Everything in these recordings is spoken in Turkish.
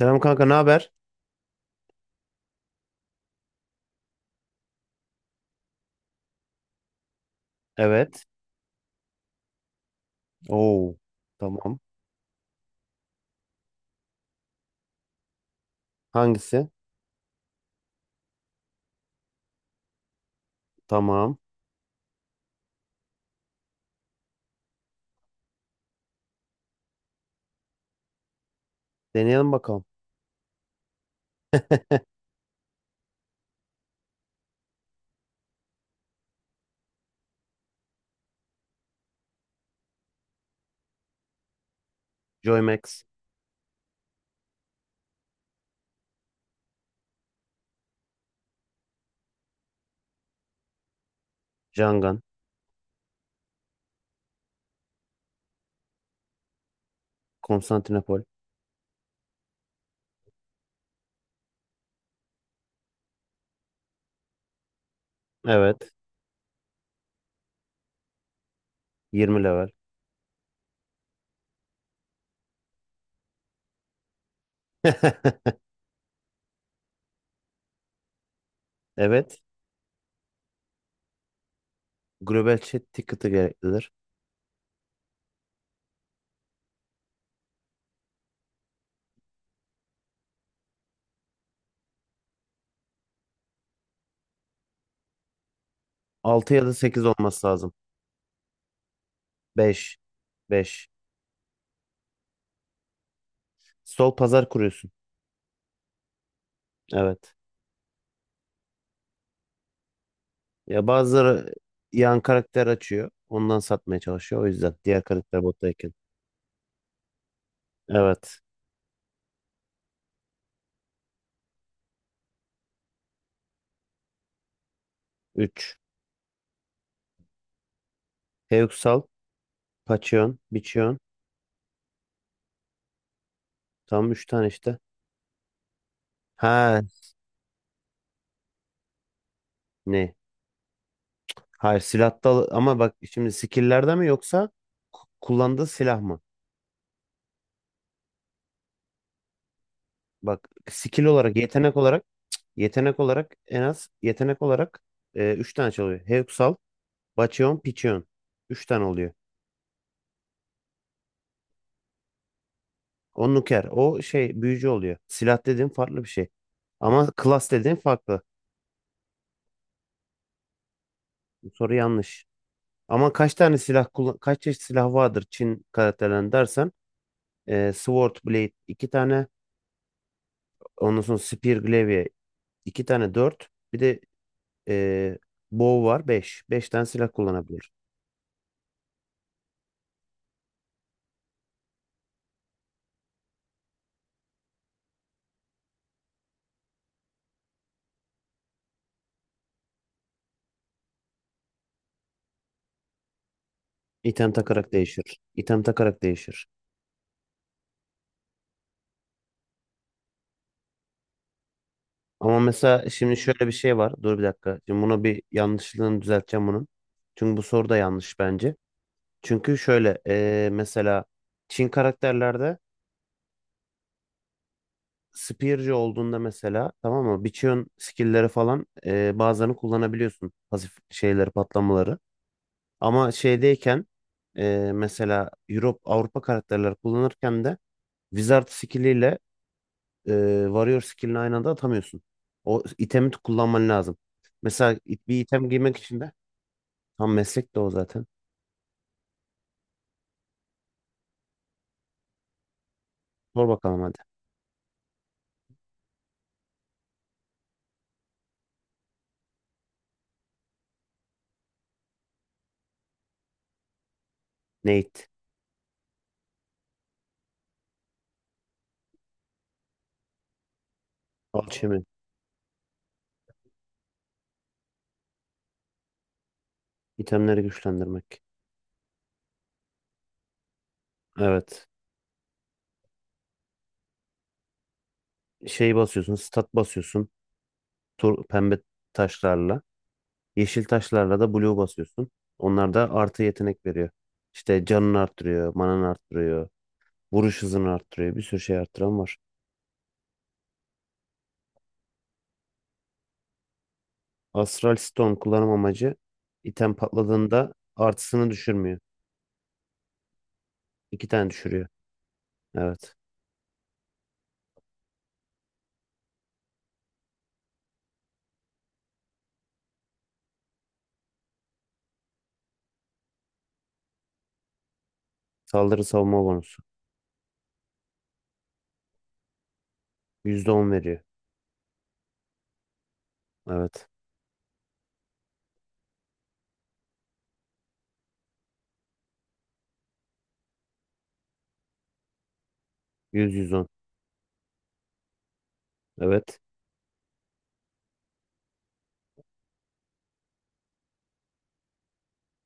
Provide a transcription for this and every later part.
Selam kanka, ne haber? Evet. Oo. Tamam. Hangisi? Tamam. Deneyelim bakalım. Joymax. Jangan. Konstantinopol. Evet. 20 level. Evet. Global chat ticket'ı gereklidir. 6 ya da sekiz olması lazım. 5. 5. Sol pazar kuruyorsun. Evet. Ya bazıları yan karakter açıyor. Ondan satmaya çalışıyor. O yüzden diğer karakter bottayken. Evet. Üç. Heuxal, Pachyon, Bichyon. Tam 3 tane işte. Ha, ne? Hayır, silahta ama bak şimdi skill'lerde mi yoksa kullandığı silah mı? Bak, skill olarak yetenek olarak en az yetenek olarak 3 tane çalıyor. Hexal, Baccheon, Pichon. Üç tane oluyor. O nuker. O şey büyücü oluyor. Silah dediğin farklı bir şey. Ama class dediğin farklı. Bu soru yanlış. Ama kaç tane silah kullan, kaç çeşit silah vardır Çin karakterlerinde dersen Sword Blade 2 tane. Ondan sonra Spear Glaive iki tane, dört. Bir de e, Bow var, 5, 5 tane silah kullanabilir. İtem takarak değişir. Ama mesela şimdi şöyle bir şey var. Dur bir dakika. Şimdi buna bir yanlışlığını düzelteceğim bunun. Çünkü bu soru da yanlış bence. Çünkü şöyle, mesela Çin karakterlerde Spear'cı olduğunda mesela, tamam mı? Biçiyon skill'leri falan, bazılarını kullanabiliyorsun. Pasif şeyleri, patlamaları. Ama şeydeyken, mesela Europe Avrupa karakterleri kullanırken de Wizard skilliyle e, Warrior skillini aynı anda atamıyorsun. O itemi kullanman lazım. Mesela bir item giymek için de tam meslek de o zaten. Sor bakalım, hadi. Nate. Alchemy. İtemleri güçlendirmek. Evet. Şey basıyorsun, stat basıyorsun. Tur, pembe taşlarla. Yeşil taşlarla da blue basıyorsun. Onlar da artı yetenek veriyor. İşte canını arttırıyor, mananı arttırıyor. Vuruş hızını arttırıyor. Bir sürü şey arttıran var. Astral Stone kullanım amacı, item patladığında artısını düşürmüyor. İki tane düşürüyor. Evet. Saldırı savunma bonusu. %10 veriyor. Evet. Yüz yüz on. Evet.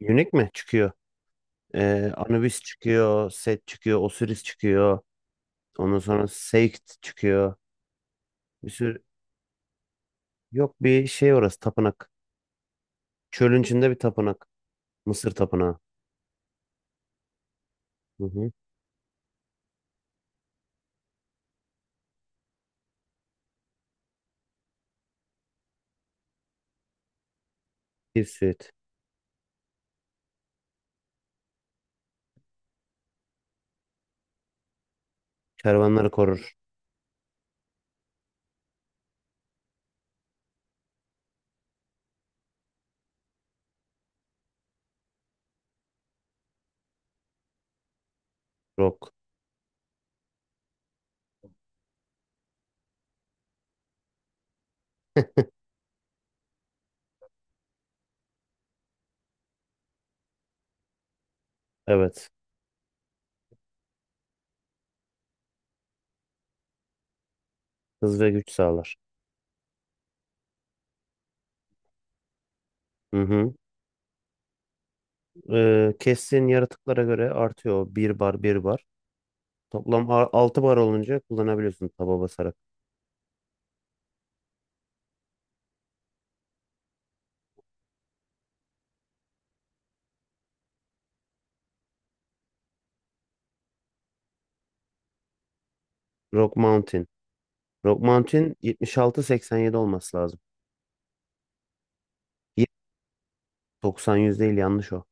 Unique mi? Çıkıyor. Anubis çıkıyor. Set çıkıyor. Osiris çıkıyor. Ondan sonra Seikt çıkıyor. Bir sürü... Yok, bir şey orası. Tapınak. Çölün içinde bir tapınak. Mısır tapınağı. Hı hı. Bir suit. Kervanları korur. Rock. Evet. Hız ve güç sağlar. Hı hı. Kestiğin yaratıklara göre artıyor. Bir bar, bir bar. Toplam 6 bar olunca kullanabiliyorsun taba basarak. Rock Mountain. Rock Mountain 76-87 olması lazım. Ye- 90-100 değil, yanlış o.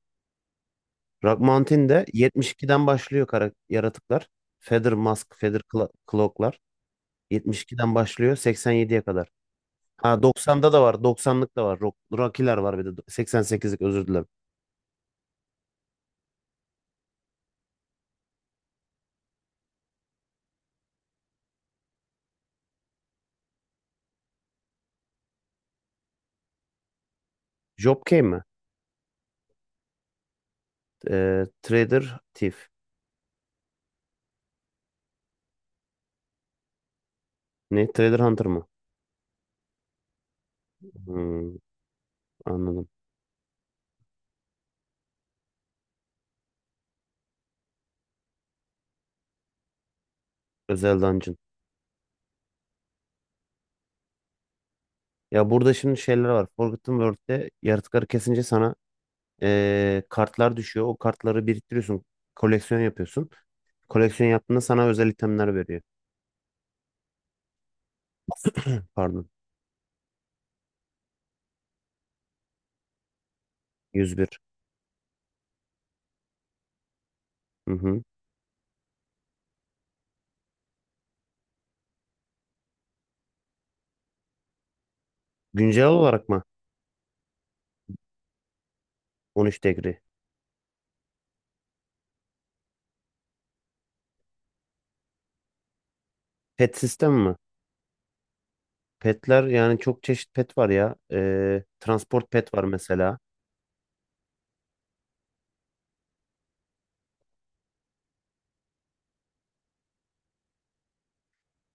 Rock Mountain'de 72'den başlıyor kara yaratıklar. Feather Mask, Cloak'lar. 72'den başlıyor 87'ye kadar. Ha, 90'da da var. 90'lık da var. Rock, Rocky'ler var bir de. 88'lik, özür dilerim. Job Kane mi? Trader Thief. Ne? Trader Hunter mı? Hmm. Anladım. Özel dungeon. Ya burada şimdi şeyler var. Forgotten World'de yaratıkları kesince sana kartlar düşüyor. O kartları biriktiriyorsun. Koleksiyon yapıyorsun. Koleksiyon yaptığında sana özel itemler veriyor. Pardon. 101. Hı hı. Güncel olarak mı? 13 degri. Pet sistem mi? Petler yani çok çeşit pet var ya. Transport pet var mesela.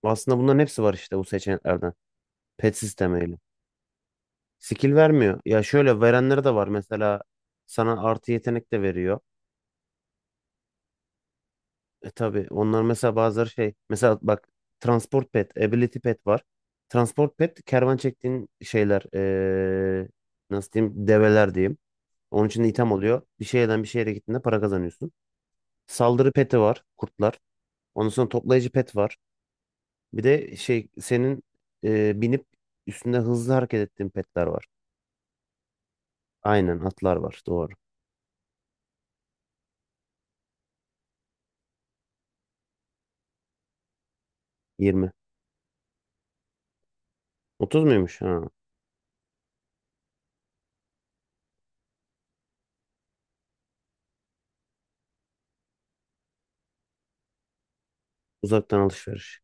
Aslında bunların hepsi var işte bu seçeneklerden. Pet sistemiyle. Skill vermiyor. Ya şöyle verenleri de var. Mesela sana artı yetenek de veriyor. E tabii, onlar mesela bazıları şey, mesela bak, transport pet, ability pet var. Transport pet kervan çektiğin şeyler, nasıl diyeyim, develer diyeyim. Onun için de item oluyor. Bir şeyden bir şehre gittiğinde para kazanıyorsun. Saldırı peti var, kurtlar. Ondan sonra toplayıcı pet var. Bir de şey, senin binip üstünde hızlı hareket ettiğin petler var. Aynen, atlar var, doğru. 20. 30 muymuş? Ha. Uzaktan alışveriş.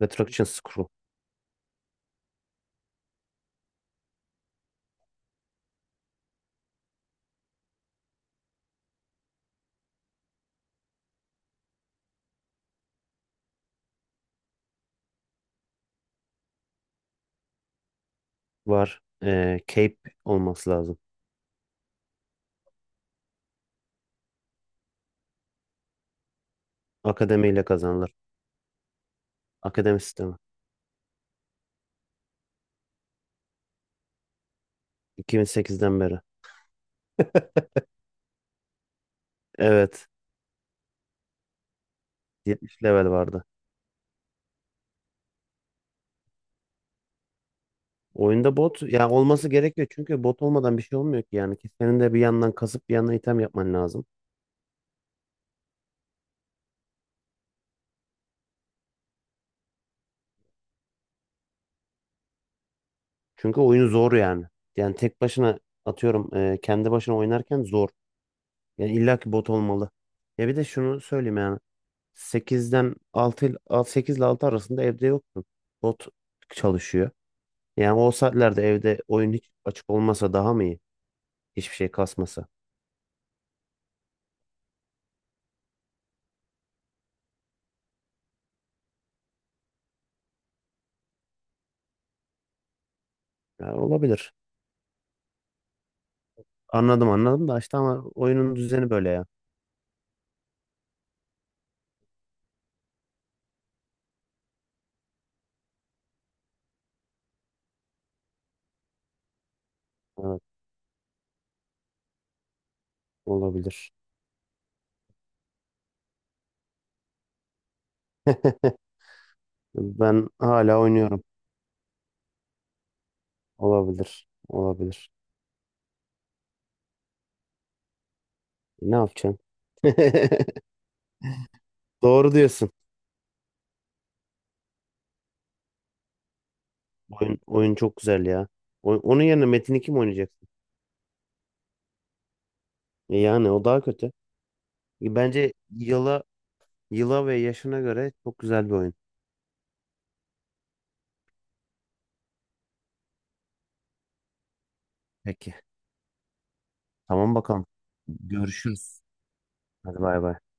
Retraction screw var. Cape olması lazım. Akademiyle kazanılır. Akademi sistemi. 2008'den beri. Evet. 70 level vardı. Oyunda bot ya olması gerekiyor, çünkü bot olmadan bir şey olmuyor ki yani. Ki senin de bir yandan kasıp bir yandan item yapman lazım. Çünkü oyun zor yani. Yani tek başına atıyorum, kendi başına oynarken zor. Yani illa ki bot olmalı. Ya bir de şunu söyleyeyim yani, 8'den 6 ile 8 ile 6 arasında evde yoksun. Bot çalışıyor. Yani o saatlerde evde oyun hiç açık olmasa daha mı iyi? Hiçbir şey kasmasa. Ya olabilir. Anladım, anladım da işte ama oyunun düzeni böyle ya. Evet, olabilir. Ben hala oynuyorum. Olabilir. Olabilir. E, ne yapacaksın? Doğru diyorsun. Oyun, oyun çok güzel ya. Onun yerine Metin 2 mi oynayacaksın? E yani, o daha kötü. E, bence yıla ve yaşına göre çok güzel bir oyun. Peki. Tamam bakalım. Görüşürüz. Hadi bay bay.